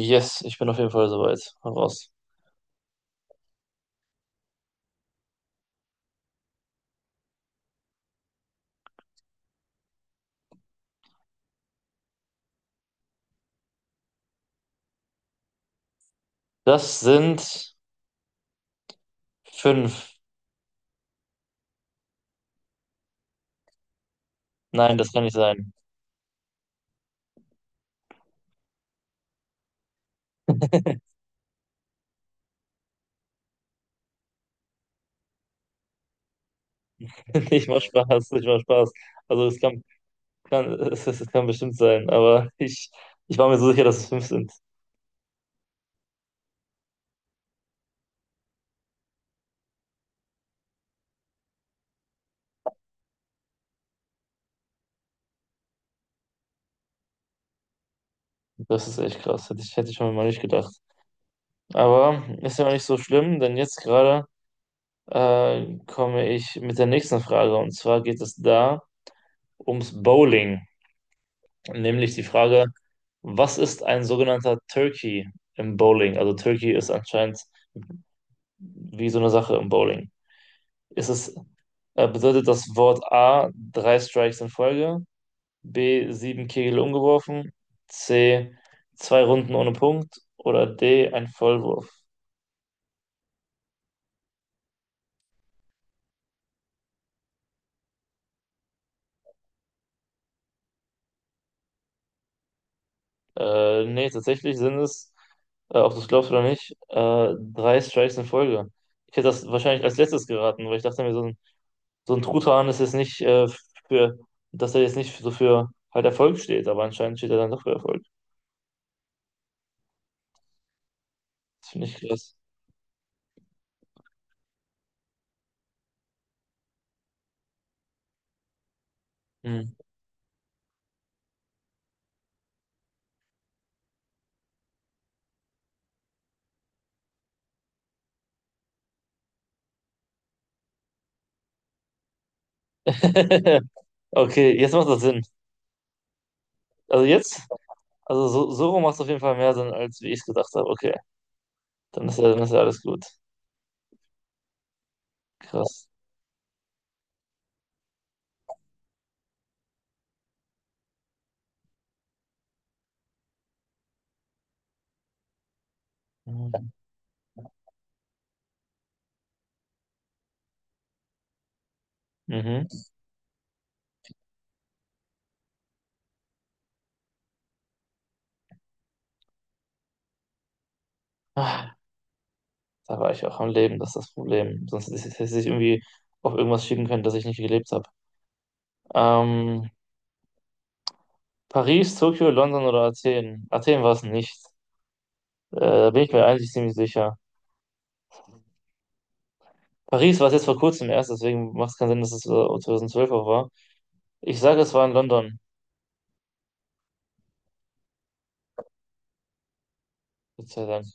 Yes, ich bin auf jeden Fall soweit. Hau raus. Das sind fünf. Nein, das kann nicht sein. Ich mach Spaß, ich mach Spaß. Also es kann bestimmt sein, aber ich war mir so sicher, dass es fünf sind. Das ist echt krass. Hätte ich schon mal nicht gedacht. Aber ist ja auch nicht so schlimm, denn jetzt gerade komme ich mit der nächsten Frage. Und zwar geht es da ums Bowling. Nämlich die Frage, was ist ein sogenannter Turkey im Bowling? Also Turkey ist anscheinend wie so eine Sache im Bowling. Ist es, bedeutet das Wort A drei Strikes in Folge, B sieben Kegel umgeworfen, C zwei Runden ohne Punkt oder D ein Vollwurf? Nee, tatsächlich sind es, ob du es glaubst oder nicht, drei Strikes in Folge. Ich hätte das wahrscheinlich als letztes geraten, weil ich dachte mir, so ein Truthahn ist jetzt nicht für, dass er jetzt nicht so für halt Erfolg steht, aber anscheinend steht er dann doch für Erfolg. Das finde ich krass. Hm. Okay, jetzt macht das Sinn. Also jetzt, also so rum macht es auf jeden Fall mehr Sinn, als wie ich es gedacht habe. Okay, dann ist ja alles gut. Krass. Mhm. Mhm. Ah, da war ich auch am Leben, das ist das Problem. Sonst hätte ich irgendwie auf irgendwas schicken können, das ich nicht gelebt habe. Ähm, Paris, Tokio, London oder Athen? Athen war es nicht. Da bin ich mir eigentlich ziemlich sicher. Paris war es jetzt vor kurzem erst, deswegen macht es keinen Sinn, dass es 2012 auch war. Ich sage, es war in London. Gott sei Dank.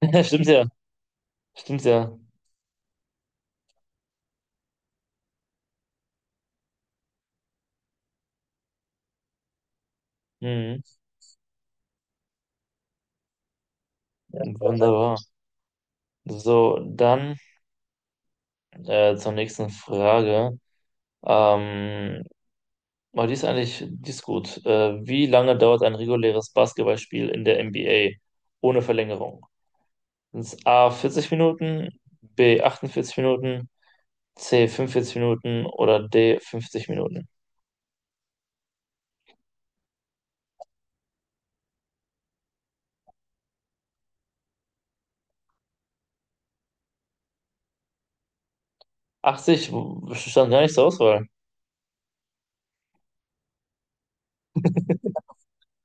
Stimmt ja, stimmt ja. Mhm. Wunderbar. So, dann zur nächsten Frage. Ähm, oh, die ist gut. Wie lange dauert ein reguläres Basketballspiel in der NBA ohne Verlängerung? Sind A 40 Minuten, B 48 Minuten, C 45 Minuten oder D 50 Minuten? 80 stand gar nicht zur Auswahl.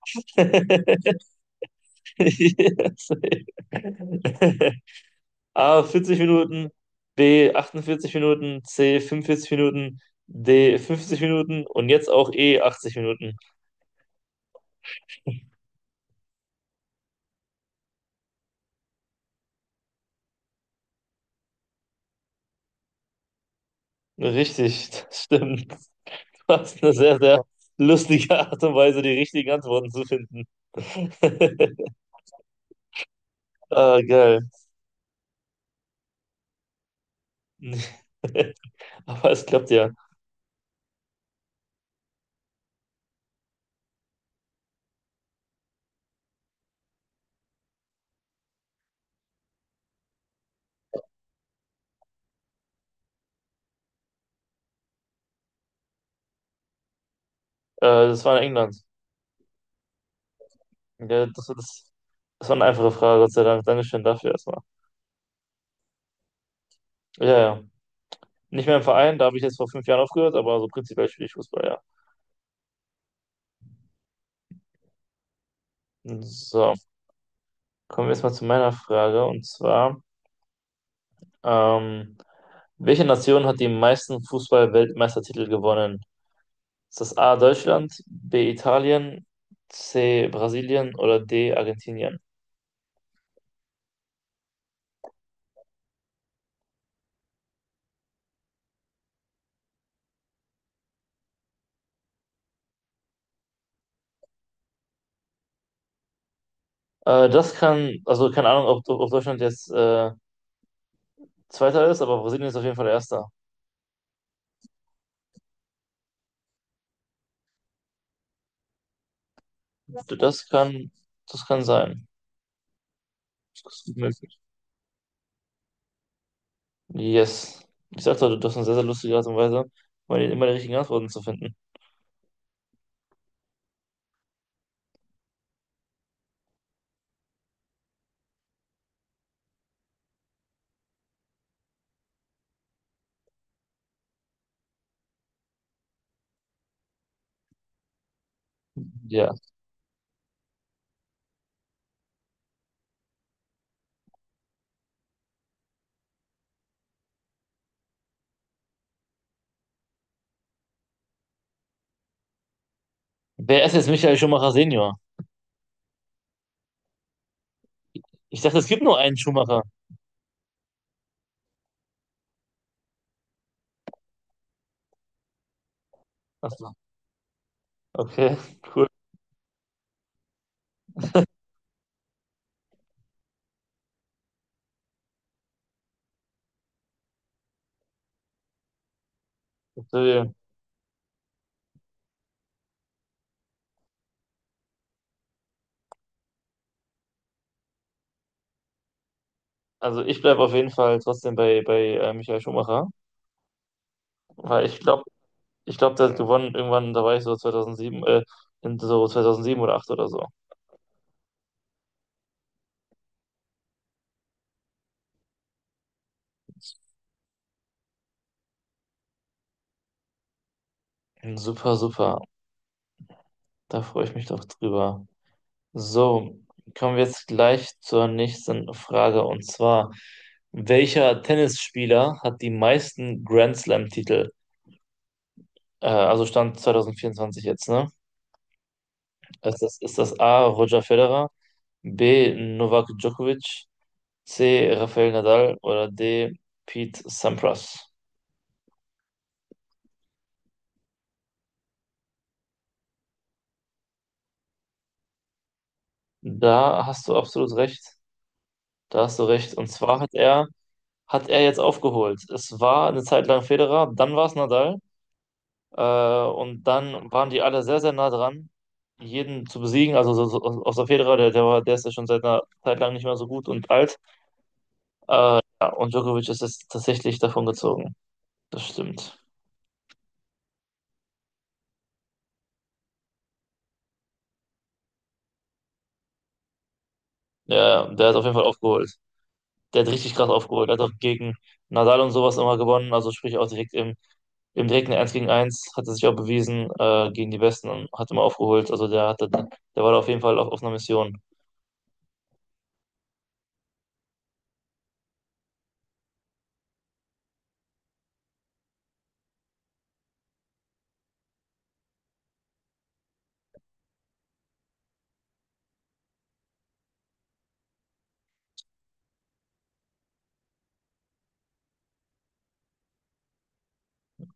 Yes. A 40 Minuten, B 48 Minuten, C 45 Minuten, D 50 Minuten und jetzt auch E 80 Minuten. Richtig, das stimmt. Das ist eine sehr, sehr lustige Art und Weise, die richtigen Antworten zu finden. Ah, geil. Aber es klappt ja. Das war in England. Ja, das war eine einfache Frage, Gott sei Dank. Dankeschön dafür erstmal. Ja, ja. Nicht mehr im Verein, da habe ich jetzt vor 5 Jahren aufgehört, aber so prinzipiell spiele ich Fußball, ja. So. Kommen wir jetzt mal zu meiner Frage und zwar, ähm, welche Nation hat die meisten Fußball-Weltmeistertitel gewonnen? Ist das A Deutschland, B Italien, C Brasilien oder D Argentinien? Also keine Ahnung, ob Deutschland jetzt Zweiter ist, aber Brasilien ist auf jeden Fall Erster. Das kann, das kann sein. Das ist gut möglich. Yes. Ich sagte, du hast eine sehr, sehr lustige Art und Weise, immer die richtigen Antworten zu finden. Ja. Wer ist jetzt Michael Schumacher Senior? Ich dachte, es gibt nur einen Schumacher. Ach so, okay, cool. Verstehe. Also ich bleibe auf jeden Fall trotzdem bei Michael Schumacher, weil ich glaube, der hat gewonnen irgendwann, da war ich so 2007, in so 2007 oder 8 oder so. Super, super. Da freue ich mich doch drüber. So, kommen wir jetzt gleich zur nächsten Frage und zwar, welcher Tennisspieler hat die meisten Grand Slam-Titel? Also Stand 2024 jetzt, ne? Ist das A, Roger Federer, B, Novak Djokovic, C. Rafael Nadal oder D. Pete Sampras. Da hast du absolut recht. Da hast du recht. Und zwar hat er, jetzt aufgeholt. Es war eine Zeit lang Federer, dann war es Nadal. Äh, und dann waren die alle sehr, sehr nah dran, jeden zu besiegen. Also außer Federer, der ist ja schon seit einer Zeit lang nicht mehr so gut und alt. Ja, und Djokovic ist jetzt tatsächlich davon gezogen. Das stimmt. Ja, ja, der hat auf jeden Fall aufgeholt. Der hat richtig krass aufgeholt. Hat auch gegen Nadal und sowas immer gewonnen. Also sprich auch direkt im direkten Eins gegen Eins hat er sich auch bewiesen gegen die Besten und hat immer aufgeholt. Also der war da auf jeden Fall auf einer Mission.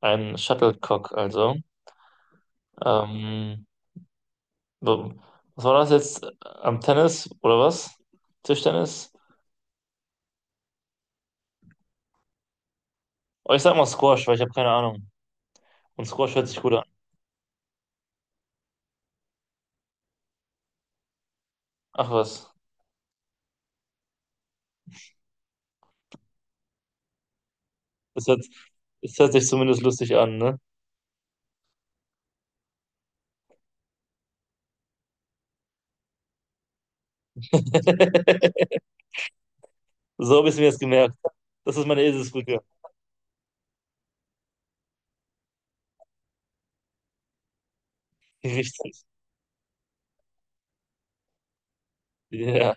Ein Shuttlecock also. Ähm, so, was war das jetzt? Am Tennis oder was? Tischtennis? Oh, ich sag mal Squash, weil ich habe keine Ahnung. Und Squash hört sich gut an. Ach was. Das hört, das hört sich zumindest lustig an, ne? So habe ich es mir jetzt gemerkt. Das ist meine Eselsbrücke. Richtig. Ja.